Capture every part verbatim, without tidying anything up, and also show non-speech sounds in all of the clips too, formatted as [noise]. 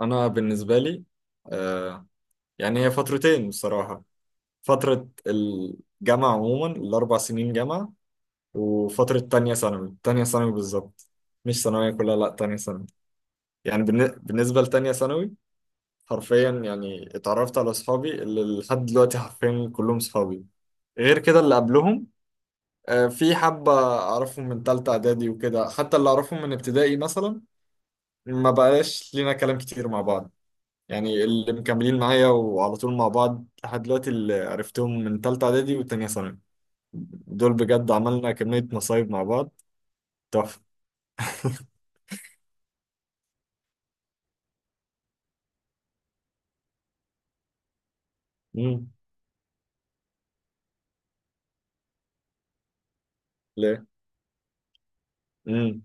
انا بالنسبه لي آه يعني هي فترتين بصراحه. فتره الجامعه عموما الاربع سنين جامعه، وفتره تانية ثانوي تانية ثانوي بالظبط. مش ثانويه كلها، لا تانية ثانوي. يعني بالن- بالنسبه لتانية ثانوي، حرفيا يعني اتعرفت على اصحابي اللي لحد دلوقتي حرفيا كلهم صحابي. غير كده، اللي قبلهم آه، في حبة أعرفهم من تالتة إعدادي وكده، حتى اللي أعرفهم من ابتدائي مثلا ما بقاش لينا كلام كتير مع بعض. يعني اللي مكملين معايا وعلى طول مع بعض لحد دلوقتي، اللي عرفتهم من تالتة إعدادي وتانية ثانوي، دول بجد عملنا كمية مصايب مع بعض تحفة. مم. ليه؟ مم.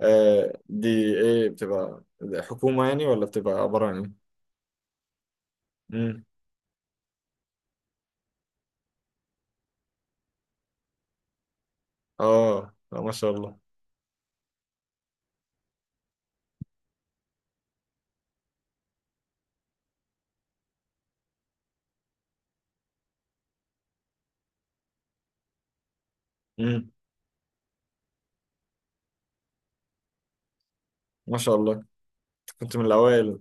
آه دي، إيه بتبقى حكومة يعني، ولا بتبقى عبارة عن إيه؟ مم. آه، لا ما شاء الله. مم. ما شاء الله، كنت من الأوائل.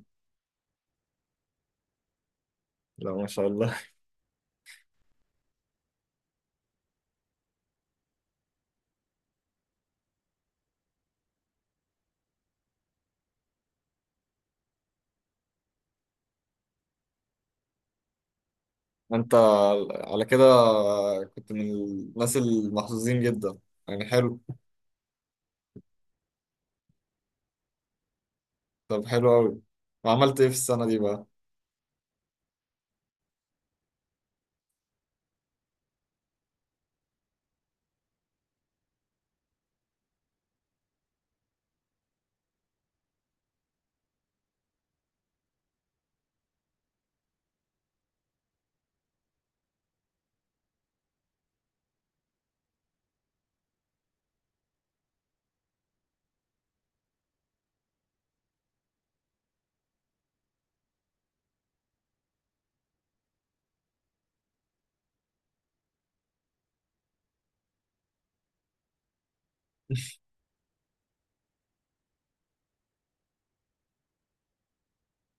لا ما شاء الله. [laughs] أنت على كده كنت من الناس المحظوظين جدا، يعني حلو. طب حلو أوي. وعملت إيه في السنة دي بقى؟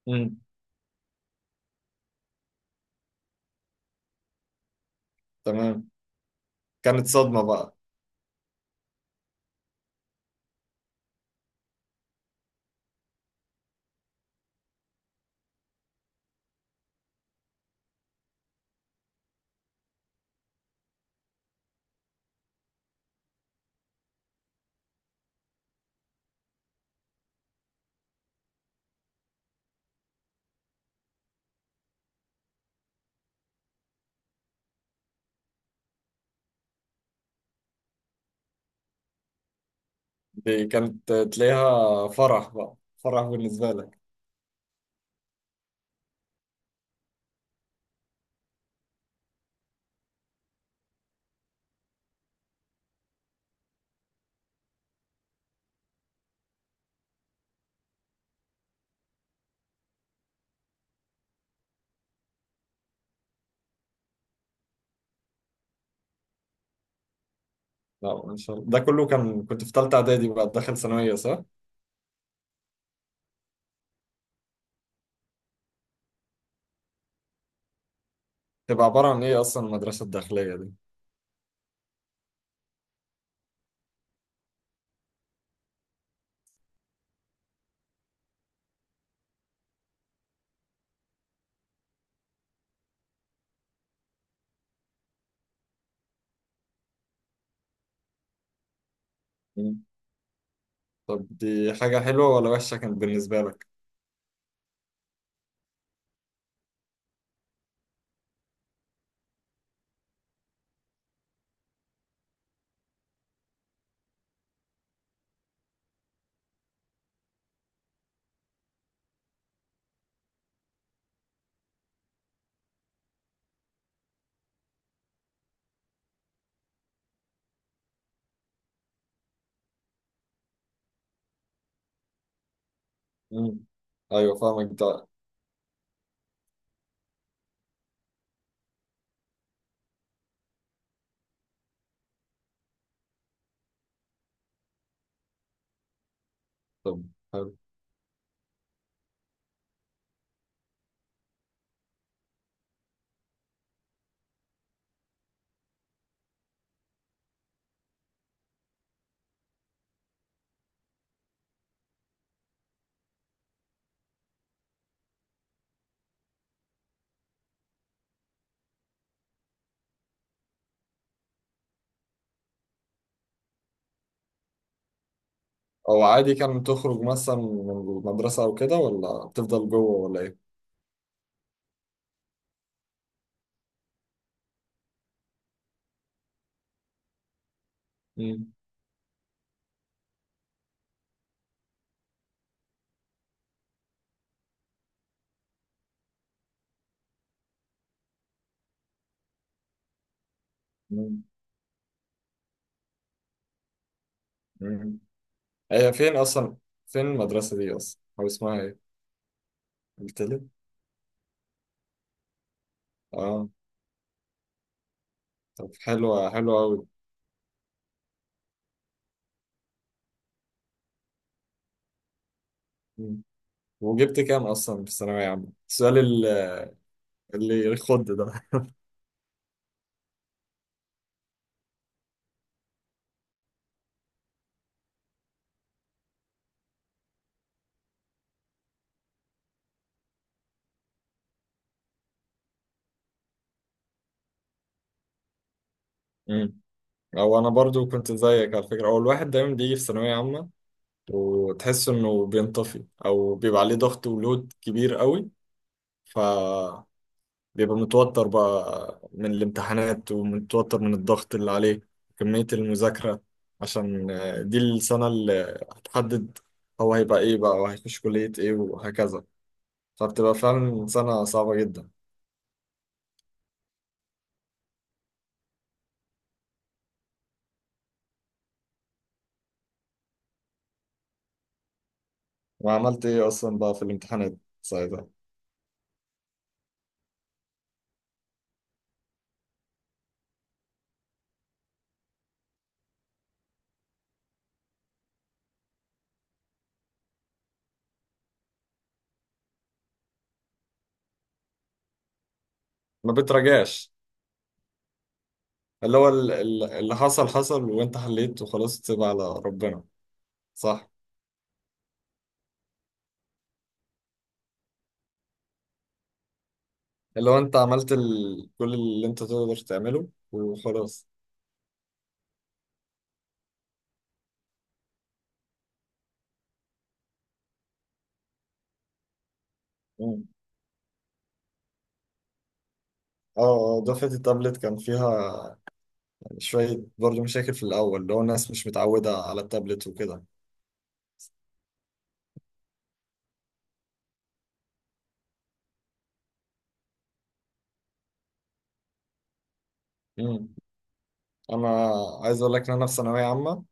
مم. تمام. كانت صدمة بقى. دي كانت تلاقيها فرح بقى، فرح بالنسبة لك. لا ما شاء الله، ده كله كان كنت في تالتة إعدادي بقى، داخل ثانوية، صح؟ تبقى عبارة عن إيه أصلا المدرسة الداخلية دي؟ مم. طب دي حاجة حلوة ولا وحشة كانت بالنسبة لك؟ مم. أيوة فاهمك ده. طب حلو، أو عادي كان تخرج مثلا من المدرسة أو كده، ولا بتفضل جوه، ولا إيه؟ مم. مم. مم. هي فين أصلا؟ فين المدرسة دي أصلا؟ أو اسمها إيه؟ قلت لي؟ آه. طب حلوة حلوة أوي. مم. وجبت كام أصلا في الثانوية عامة؟ السؤال ال- اللي يخض ده. مم. [laughs] أو أنا برضو كنت زيك على فكرة، هو الواحد دايما بيجي في ثانوية عامة وتحس إنه بينطفي، أو بيبقى عليه ضغط ولود كبير أوي، فبيبقى متوتر بقى من الامتحانات، ومتوتر من الضغط اللي عليه، كمية المذاكرة، عشان آه، دي السنة اللي هتحدد هو هيبقى إيه بقى، وهيخش كلية إيه، وهكذا. فبتبقى فعلا سنة صعبة جدا. وعملت ايه اصلا بقى في الامتحانات ساعتها؟ ما بتراجعش؟ اللي هو ال- ال- اللي حصل حصل، وانت حليت وخلاص، تسيب على ربنا. صح، اللي هو انت عملت ال... كل اللي انت تقدر تعمله وخلاص. مم. اه. آه، دفعة التابلت كان فيها شوية برضه مشاكل في الأول، اللي هو الناس مش متعودة على التابلت وكده. مم. أنا عايز أقول لك إن أنا في ثانوية عامة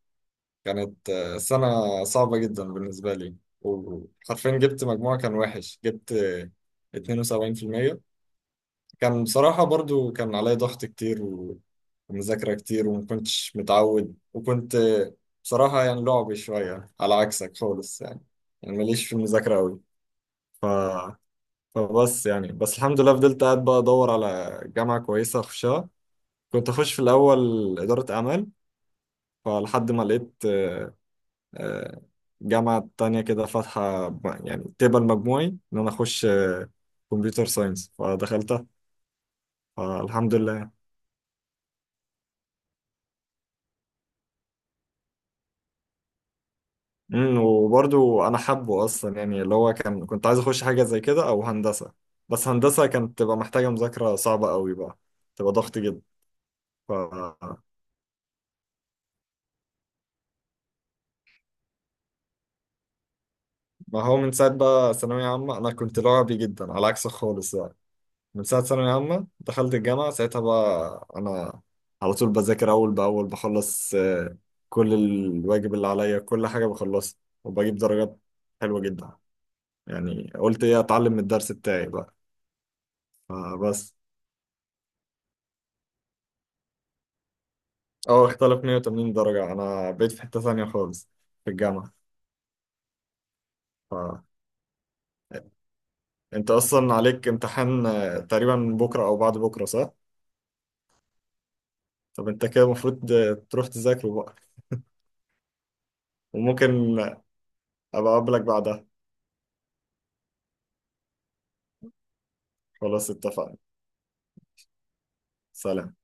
كانت آه، سنة صعبة جدا بالنسبة لي، وحرفيا جبت مجموعة كان وحش، جبت آه، اتنين وسبعين بالمية. كان بصراحة برضو كان عليا ضغط كتير، و- ومذاكرة كتير، وما كنتش متعود، وكنت آه، بصراحة يعني لعبي شوية على عكسك خالص، يعني يعني ماليش في المذاكرة أوي. ف... فبس، يعني بس الحمد لله فضلت قاعد بقى أدور على جامعة كويسة أخشها. كنت أخش في الأول إدارة أعمال، فلحد ما لقيت آه، آه، جامعة تانية كده فاتحة، م- يعني تقبل مجموعي، إن أنا أخش كمبيوتر ساينس فدخلتها، فالحمد لله. امم وبرضو أنا حابه أصلا، يعني اللي هو كان كنت عايز أخش حاجة زي كده أو هندسة، بس هندسة كانت تبقى محتاجة مذاكرة صعبة قوي بقى، تبقى ضغط جدا. ف ما هو من ساعة بقى ثانوية عامة أنا كنت لعبي جدا على عكسك خالص. من ساعة ثانوية عامة دخلت الجامعة، ساعتها بقى أنا على طول بذاكر أول بأول، بخلص آه، كل الواجب اللي عليا، كل حاجة بخلصها وبجيب درجات حلوة جدا. يعني قلت إيه أتعلم من الدرس بتاعي بقى، فبس أه اختلف مية وتمانين درجة، أنا بقيت في حتة ثانية خالص في الجامعة. فأنت أصلا عليك امتحان آه، تقريبا بكرة أو بعد بكرة، صح؟ طب أنت كده المفروض آه، تروح تذاكره بقى، وممكن أبقى أقابلك بعدها. خلاص اتفقنا. سلام.